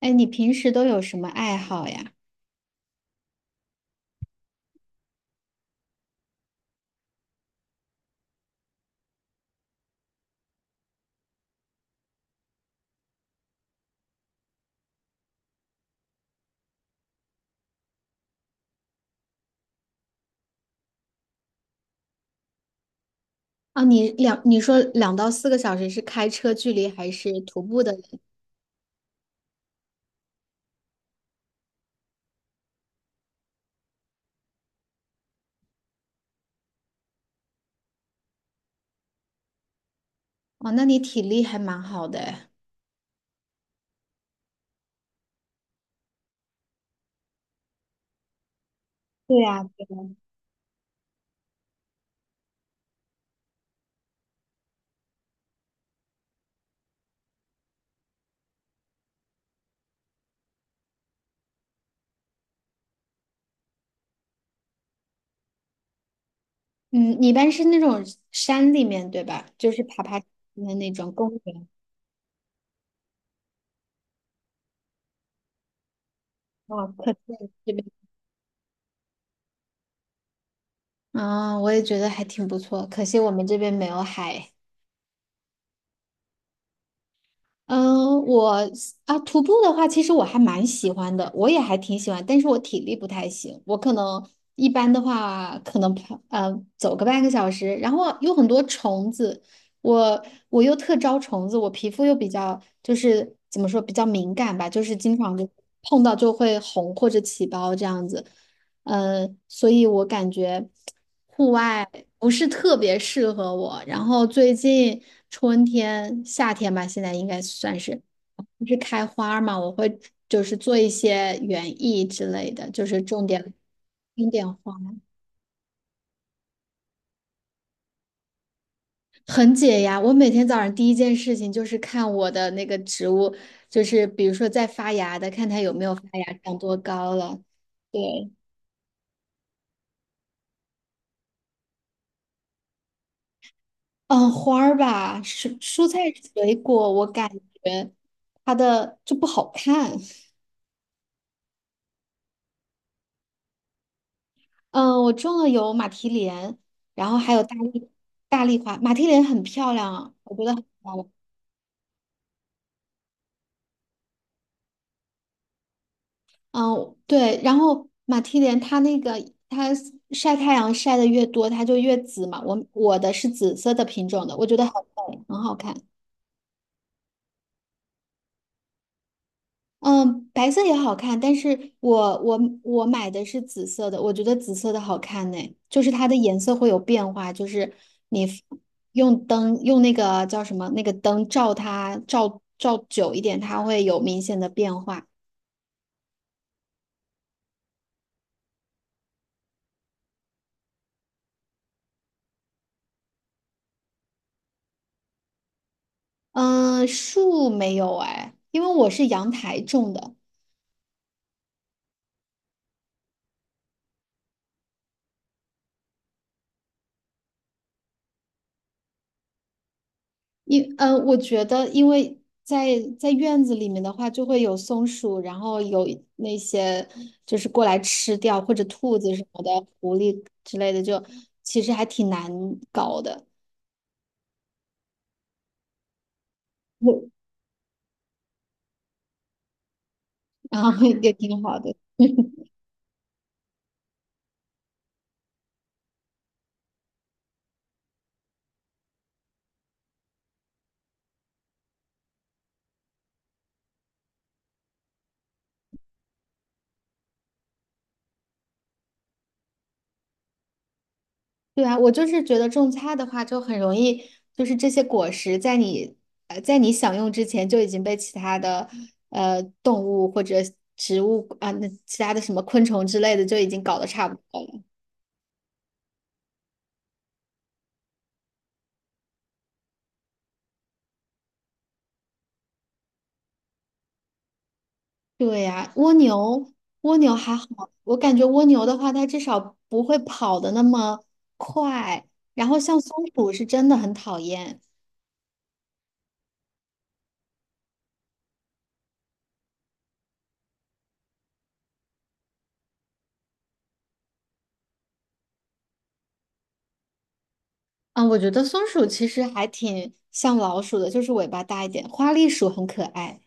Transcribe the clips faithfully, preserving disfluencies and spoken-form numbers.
哎，你平时都有什么爱好呀？啊，你两，你说两到四个小时是开车距离还是徒步的？哦，那你体力还蛮好的哎。对呀，嗯，你一般是那种山里面对吧？就是爬爬山的那种公园。哦，可惜我们这边。啊，我也觉得还挺不错，可惜我们这边没有海。嗯，我啊，徒步的话，其实我还蛮喜欢的，我也还挺喜欢，但是我体力不太行，我可能一般的话，可能跑呃走个半个小时，然后有很多虫子，我我又特招虫子，我皮肤又比较就是怎么说比较敏感吧，就是经常就碰到就会红或者起包这样子，嗯，所以我感觉。户外不是特别适合我。然后最近春天、夏天吧，现在应该算是不是开花嘛，我会就是做一些园艺之类的，就是种点种点花，很解压。我每天早上第一件事情就是看我的那个植物，就是比如说在发芽的，看它有没有发芽，长多高了。对，嗯，花儿吧，蔬蔬菜水果，我感觉它的就不好看。嗯，呃我种了有马蹄莲，然后还有大丽大丽花。马蹄莲很漂亮啊，我觉得很漂亮。嗯，对，然后马蹄莲它那个它晒太阳晒的越多，它就越紫嘛。我我的是紫色的品种的，我觉得很美，很好看。嗯，白色也好看，但是我我我买的是紫色的，我觉得紫色的好看呢，就是它的颜色会有变化，就是你 f- 用灯用那个叫什么那个灯照它照照久一点，它会有明显的变化。嗯，树没有哎，因为我是阳台种的。因呃，我觉得，因为在在院子里面的话，就会有松鼠，然后有那些就是过来吃掉或者兔子什么的，狐狸之类的，就其实还挺难搞的。我然后也 挺好的。对啊，我就是觉得种菜的话，就很容易，就是这些果实在你呃在你享用之前就已经被其他的呃动物或者植物啊，那其他的什么昆虫之类的就已经搞得差不多了。对呀，蜗牛，蜗牛还好，我感觉蜗牛的话，它至少不会跑的那么快。然后像松鼠是真的很讨厌，嗯，我觉得松鼠其实还挺像老鼠的，就是尾巴大一点。花栗鼠很可爱，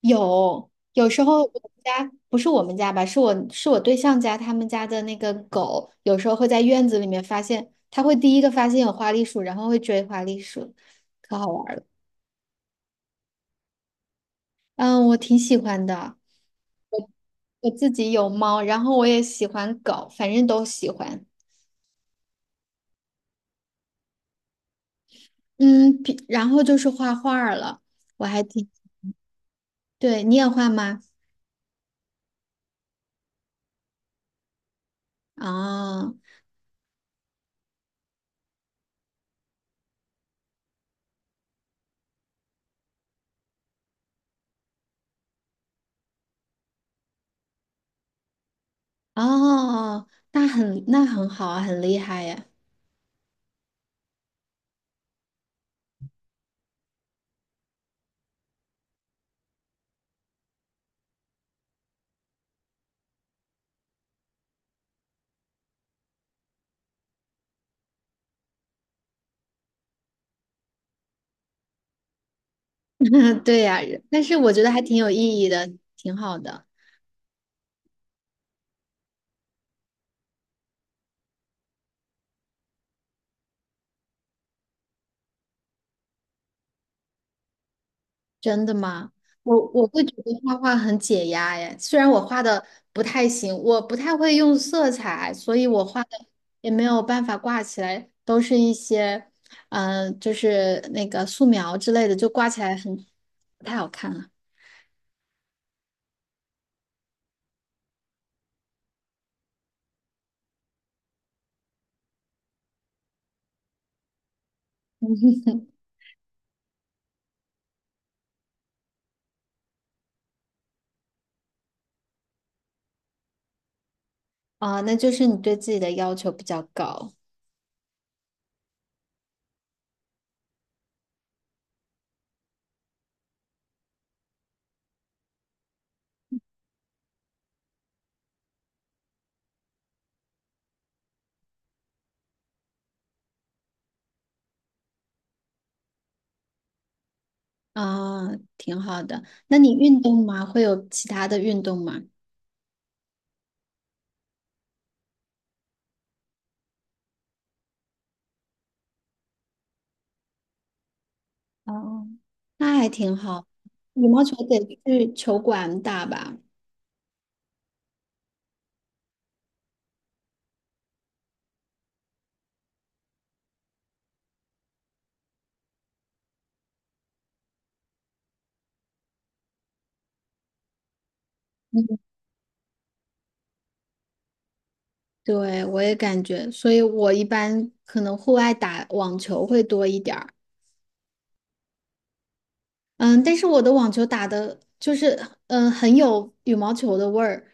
有有时候我们家不是我们家吧，是我是我对象家他们家的那个狗，有时候会在院子里面发现，它会第一个发现有花栗鼠，然后会追花栗鼠，可好玩儿了。嗯，我挺喜欢的。我自己有猫，然后我也喜欢狗，反正都喜欢。嗯，比然后就是画画儿了，我还挺，对，你也画吗？哦哦，那很那很好啊，很厉害呀。对呀，但是我觉得还挺有意义的，挺好的。真的吗？我我会觉得画画很解压耶，虽然我画的不太行，我不太会用色彩，所以我画的也没有办法挂起来，都是一些，嗯、就是那个素描之类的，就挂起来很不太好看了。啊、那就是你对自己的要求比较高啊、挺好的。那你运动吗？会有其他的运动吗？哦，那还挺好。羽毛球得去球馆打吧。对，我也感觉，所以我一般可能户外打网球会多一点儿，嗯，但是我的网球打的就是，嗯，很有羽毛球的味儿。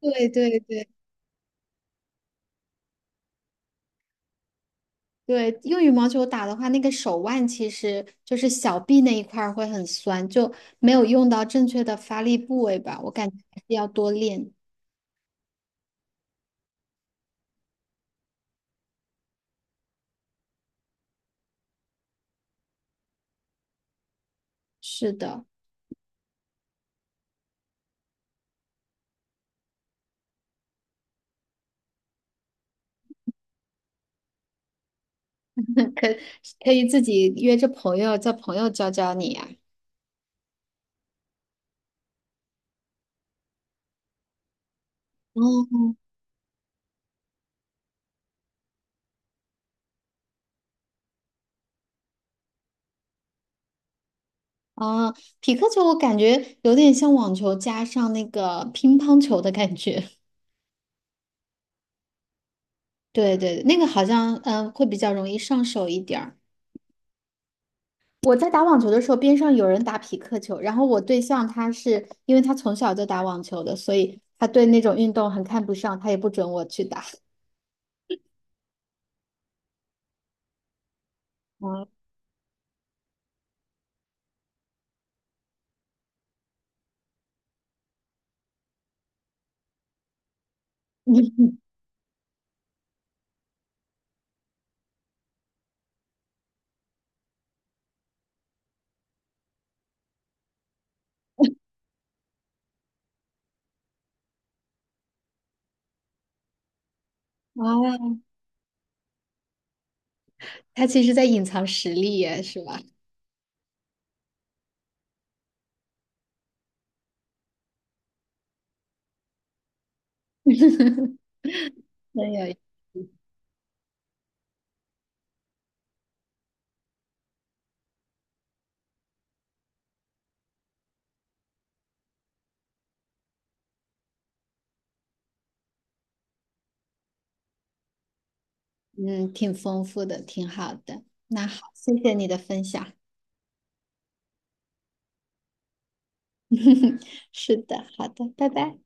对对对对，用羽毛球打的话，那个手腕其实就是小臂那一块儿会很酸，就没有用到正确的发力部位吧，我感觉还是要多练。是的，可可以自己约着朋友，叫朋友教教你呀。哦啊，匹克球我感觉有点像网球加上那个乒乓球的感觉。对对，那个好像嗯会比较容易上手一点儿。我在打网球的时候，边上有人打匹克球，然后我对象他是因为他从小就打网球的，所以他对那种运动很看不上，他也不准我去打。啊，嗯啊，他其实在隐藏实力耶，是吧？真有，嗯，挺丰富的，挺好的。那好，谢谢你的分享。是的，好的，拜拜。